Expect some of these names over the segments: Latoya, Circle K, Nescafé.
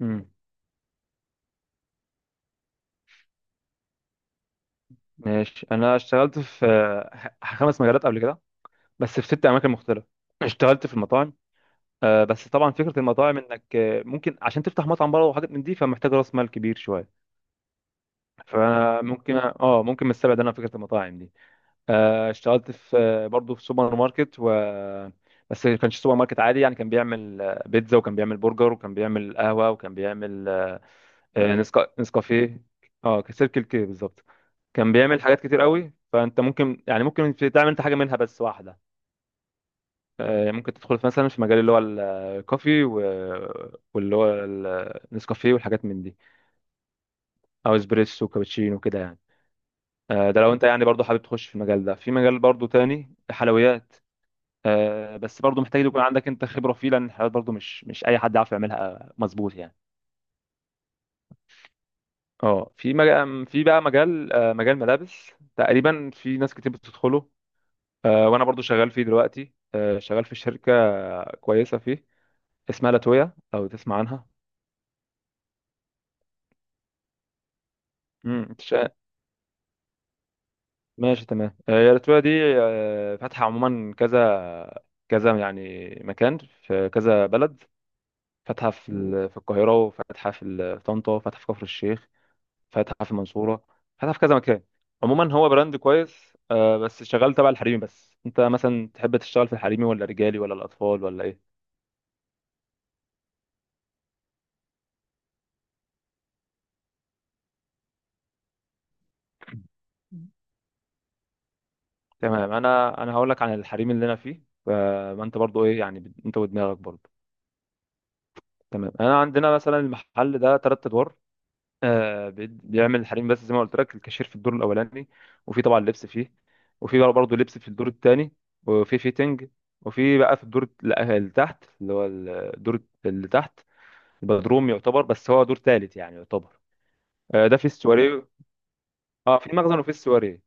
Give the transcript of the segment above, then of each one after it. امم ماشي. انا اشتغلت في خمس مجالات قبل كده، بس في ست اماكن مختلفه. اشتغلت في المطاعم. بس طبعا فكره المطاعم انك ممكن عشان تفتح مطعم بره وحاجات من دي، فمحتاج راس مال كبير شويه. فممكن ممكن من السبع ده انا فكره المطاعم دي. اشتغلت في برضه في سوبر ماركت و، بس ما كانش سوبر ماركت عادي يعني. كان بيعمل بيتزا، وكان بيعمل برجر، وكان بيعمل قهوه، وكان بيعمل نسكافيه. اه، سيركل كي بالظبط. كان بيعمل حاجات كتير قوي، فانت ممكن يعني تعمل انت حاجه منها بس واحده. ممكن تدخل في مثلا في مجال اللي هو الكوفي واللي هو النسكافيه والحاجات من دي، او اسبريسو وكابتشينو وكده يعني. ده لو انت يعني برضه حابب تخش في المجال ده. في مجال برضه تاني، حلويات. بس برضه محتاج يكون عندك انت خبره فيه، لان الحلويات برضه مش اي حد يعرف يعملها مظبوط يعني. اه، في مجال، في بقى مجال، مجال ملابس، تقريبا في ناس كتير بتدخله. وانا برضو شغال فيه دلوقتي، شغال في شركه كويسه فيه، اسمها لاتويا لو تسمع عنها. امم إنت شا- ماشي، تمام. هي لاتويا دي فاتحه عموما كذا كذا يعني مكان، في كذا بلد. فاتحه في في القاهره، وفاتحه في في طنطا، وفاتحه في كفر الشيخ، فاتحه في المنصوره، فاتحه في كذا مكان. عموما هو براند كويس. بس شغال تبع الحريمي بس. انت مثلا تحب تشتغل في الحريمي ولا رجالي ولا الاطفال ولا ايه؟ تمام، انا هقول لك عن الحريم اللي انا فيه. ما انت برضو ايه يعني، انت ودماغك برضو. تمام. انا عندنا مثلا المحل ده ثلاث ادوار. بيعمل الحريم بس. زي ما قلت لك الكاشير في الدور الاولاني، وفي طبعا لبس فيه، وفي بقى برضو لبس في الدور الثاني، وفي فيتنج، وفي بقى في اللي تحت، اللي هو الدور اللي تحت، البدروم يعتبر، بس هو دور ثالث يعني يعتبر. ده في السواري. اه، في مخزن وفي السواري.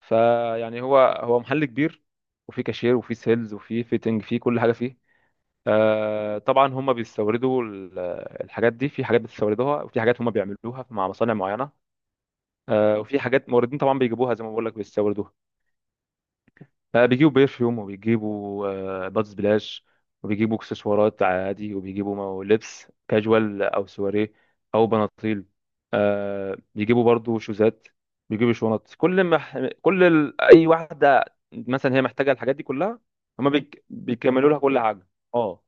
فيعني هو محل كبير، وفيه كاشير وفيه سيلز وفيه فيتنج، فيه كل حاجه فيه. آه طبعا هم بيستوردوا الحاجات دي. في حاجات بتستوردوها، وفي حاجات هم بيعملوها مع مصانع معينه. آه، وفي حاجات موردين طبعا بيجيبوها زي ما بقول لك بيستوردوها. بيجيبوا برفيوم، وبيجيبوا بادز بلاش، وبيجيبوا اكسسوارات عادي، وبيجيبوا لبس كاجوال او سواريه او بناطيل. بيجيبوا برضو شوزات، بيجيبوا شنط، كل ما كل ال... اي واحده مثلا هي محتاجه الحاجات دي كلها بيكملوا لها كل حاجه. اه،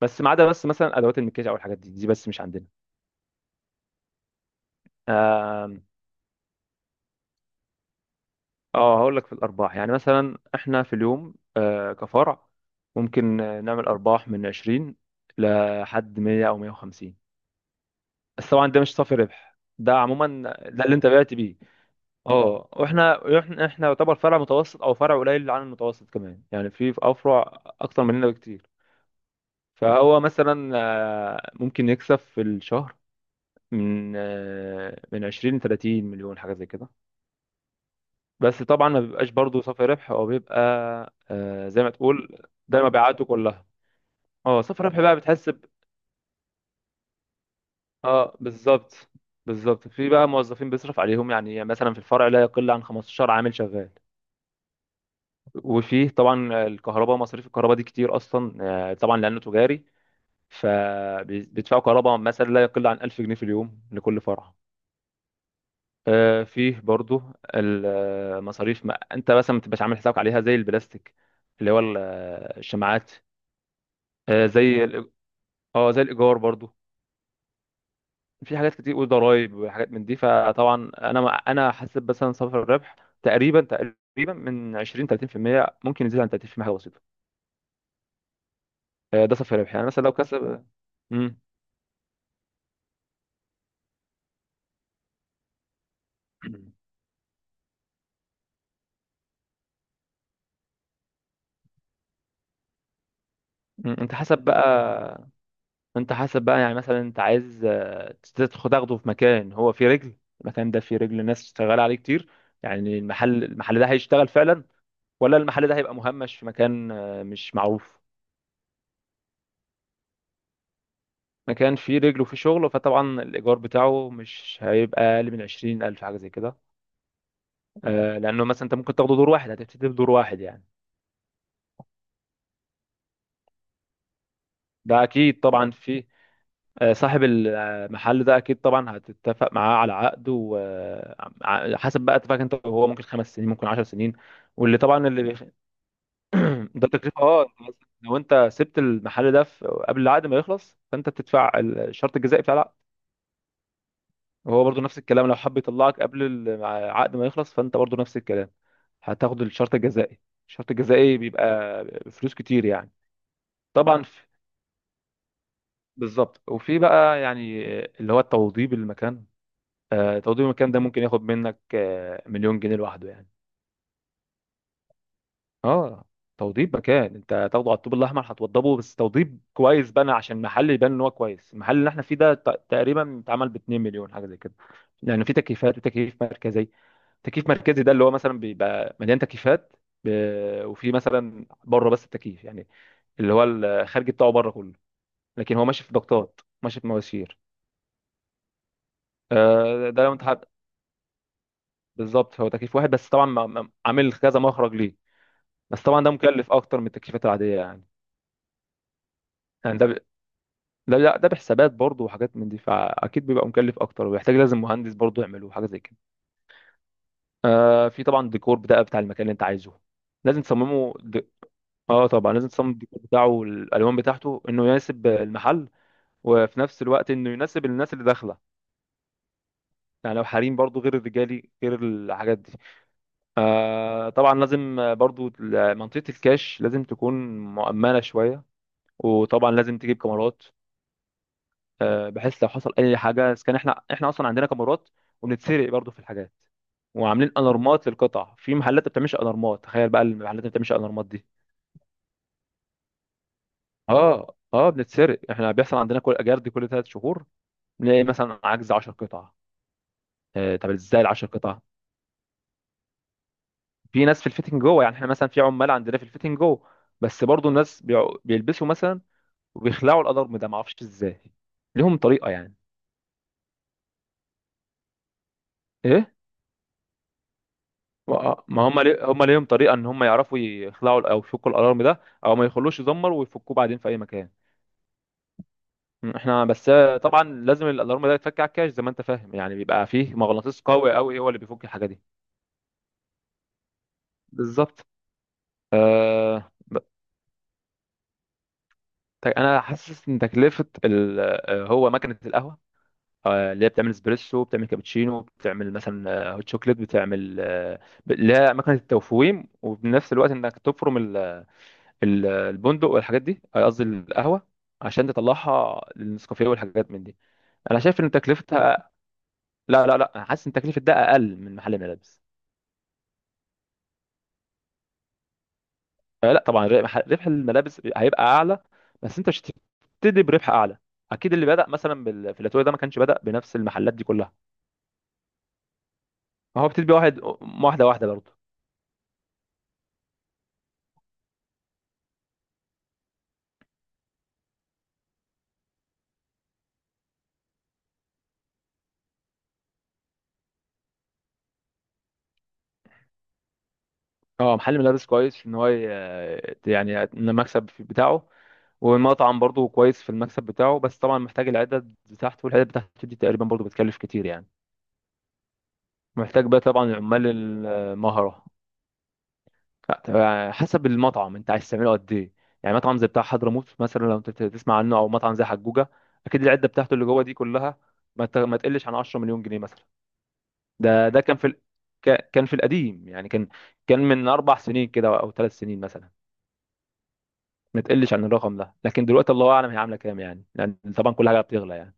بس ما عدا بس مثلا ادوات المكياج او الحاجات دي، دي بس مش عندنا. اه هقول لك في الارباح. يعني مثلا احنا في اليوم، كفرع، ممكن نعمل ارباح من 20 لحد 100 او 150، بس طبعا ده مش صافي ربح، ده عموما ده اللي انت بعت بيه. اه، واحنا احنا احنا يعتبر فرع متوسط او فرع قليل عن المتوسط كمان يعني، في افرع اكتر مننا بكتير. فهو مثلا ممكن يكسب في الشهر من من 20 ل 30 مليون، حاجه زي كده. بس طبعا ما بيبقاش برضه صافي ربح، هو بيبقى آه زي ما تقول، ده مبيعاته كلها. اه صافي ربح بقى بتحس اه بالظبط. في بقى موظفين بيصرف عليهم، يعني مثلا في الفرع لا يقل عن 15 عامل شغال. وفيه طبعا الكهرباء، مصاريف الكهرباء دي كتير اصلا. طبعا لانه تجاري، فبيدفعوا كهرباء مثلا لا يقل عن 1000 جنيه في اليوم لكل فرع. فيه برضو المصاريف، ما انت مثلا ما تبقاش عامل حسابك عليها، زي البلاستيك اللي هو الشماعات. آه، زي الإي- اه زي الايجار برضو. في حاجات كتير وضرايب وحاجات من دي. فطبعا انا ما- انا حاسب مثلا صافر الربح تقريبا من 20 30%، ممكن يزيد عن 30% حاجه بسيطه. ده صافي الربح، يعني مثلا لو كسب. مم. مم. انت حسب بقى. انت حسب بقى. يعني مثلا انت عايز تدخل تاخده في مكان هو فيه رجل، المكان ده فيه رجل، ناس شغاله عليه كتير يعني، المحل ده هيشتغل فعلا، ولا المحل ده هيبقى مهمش في مكان مش معروف. مكان فيه رجله في شغله، فطبعا الإيجار بتاعه مش هيبقى أقل من 20,000، حاجة زي كده. لأنه مثلا أنت ممكن تاخده دور واحد، هتبتدي بدور واحد يعني. ده أكيد طبعا، اه في. صاحب المحل ده أكيد طبعا هتتفق معاه على عقد، وحسب بقى اتفاق أنت وهو، ممكن 5 سنين ممكن 10 سنين. واللي طبعا اللي بيخ... ده تكلفة. أه أنت مثلاً لو أنت سبت المحل ده قبل العقد ما يخلص، فأنت بتدفع الشرط الجزائي بتاع. هو برضو نفس الكلام، لو حب يطلعك قبل العقد ما يخلص، فانت برضو نفس الكلام، هتاخد الشرط الجزائي. الشرط الجزائي بيبقى فلوس كتير يعني. طبعا في. بالظبط. وفي بقى يعني اللي هو التوضيب المكان. توضيب المكان ده ممكن ياخد منك 1,000,000 جنيه لوحده يعني. اه، توضيب مكان انت هتاخده على الطوب الاحمر، هتوضبه بس توضيب كويس بقى عشان المحل يبان ان هو كويس. المحل اللي احنا فيه ده تقريبا اتعمل ب 2 مليون، حاجه زي كده. لان في تكييفات وتكييف مركزي. تكييف مركزي ده اللي هو مثلا بيبقى مليان تكييفات، وفي مثلا بره بس التكييف، يعني اللي هو الخارجي بتاعه بره كله، لكن هو ماشي في ضغطات، ماشي في مواسير. ده لو انت حابب. بالظبط، هو تكييف واحد، بس طبعا عامل كذا مخرج ليه. بس طبعا ده مكلف اكتر من التكييفات العاديه يعني. يعني ده، لا، ده بحسابات برضه وحاجات من دي، فاكيد بيبقى مكلف اكتر، ويحتاج لازم مهندس برضه يعمله، حاجه زي كده. آه في طبعا ديكور بقى بتاع المكان اللي انت عايزه، لازم اه طبعا لازم تصمم الديكور بتاعه والالوان بتاعته، انه يناسب المحل، وفي نفس الوقت انه يناسب الناس اللي داخله. يعني لو حريم برضه، غير الرجالي، غير الحاجات دي. آه طبعا لازم برضه منطقه الكاش لازم تكون مؤمنه شويه، وطبعا لازم تجيب كاميرات. بحيث لو حصل اي حاجه. اذا كان احنا اصلا عندنا كاميرات، وبنتسرق برضو في الحاجات. وعاملين الارمات للقطع، في محلات ما بتعملش الارمات، تخيل بقى المحلات اللي ما بتعملش الارمات دي. اه، بنتسرق احنا. بيحصل عندنا كل جرد كل 3 شهور، بنلاقي مثلا عجز 10 قطع. طب ازاي ال 10 قطع؟ في ناس في الفيتنج جوه. يعني احنا مثلا في عمال عندنا في الفيتنج جوه، بس برضو الناس بيلبسوا مثلا وبيخلعوا الالارم ده، ما اعرفش ازاي، ليهم طريقه يعني. ايه ما ما هم لي... هم ليهم طريقه ان هم يعرفوا يخلعوا او يفكوا الالارم ده، او ما يخلوش يزمر، ويفكوه بعدين في اي مكان. احنا بس طبعا لازم الالارم ده يتفك على الكاش، زي ما انت فاهم يعني، بيبقى فيه مغناطيس قوي هو اللي بيفك الحاجه دي. بالظبط. أه... ب- انا حاسس ان تكلفه ال... آه، هو مكنه القهوه، اللي هي بتعمل اسبريسو، بتعمل كابتشينو، بتعمل مثلا هوت شوكليت، بتعمل اللي هي مكنه التوفويم، وبنفس الوقت انك تفرم البندق والحاجات دي، قصدي القهوه، عشان تطلعها للنسكافيه والحاجات من دي. انا شايف ان تكلفتها، لا، انا حاسس ان تكلفه ده اقل من محل الملابس. لا طبعا، ربح الملابس هيبقى اعلى، بس انت مش هتبتدي بربح اعلى. اكيد اللي بدأ مثلا في الاتوبيس ده، ما كانش بدأ بنفس المحلات دي كلها. ما هو بتبقى واحد، واحده برضه. اه محل ملابس كويس، يعني إن المكسب بتاعه. والمطعم برضه كويس في المكسب بتاعه، بس طبعا محتاج العدد بتاعته، والعدد بتاعته دي تقريبا برضه بتكلف كتير يعني، محتاج بقى طبعا العمال المهرة. لا، حسب المطعم انت عايز تعمله قد ايه. يعني مطعم زي بتاع حضرموت مثلا لو انت تسمع عنه، او مطعم زي حجوجة، اكيد العدة بتاعته اللي جوه دي كلها ما تقلش عن 10 مليون جنيه مثلا. ده ده كان في كان في القديم يعني، كان، كان من 4 سنين كده او 3 سنين مثلا. ما تقلش عن الرقم ده، لكن دلوقتي الله اعلم هي عامله كام يعني، لان طبعا كل حاجه بتغلى يعني.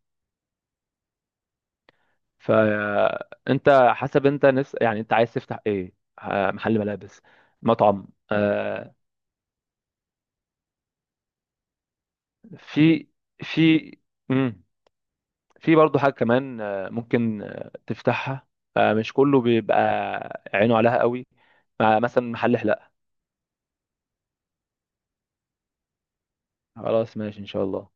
فانت حسب انت نفس، يعني انت عايز تفتح ايه؟ محل ملابس، مطعم، آه، في في مم. في برضه حاجه كمان ممكن تفتحها، مش كله بيبقى عينه عليها قوي، مثلا محل حلاقه. خلاص ماشي، ان شاء الله.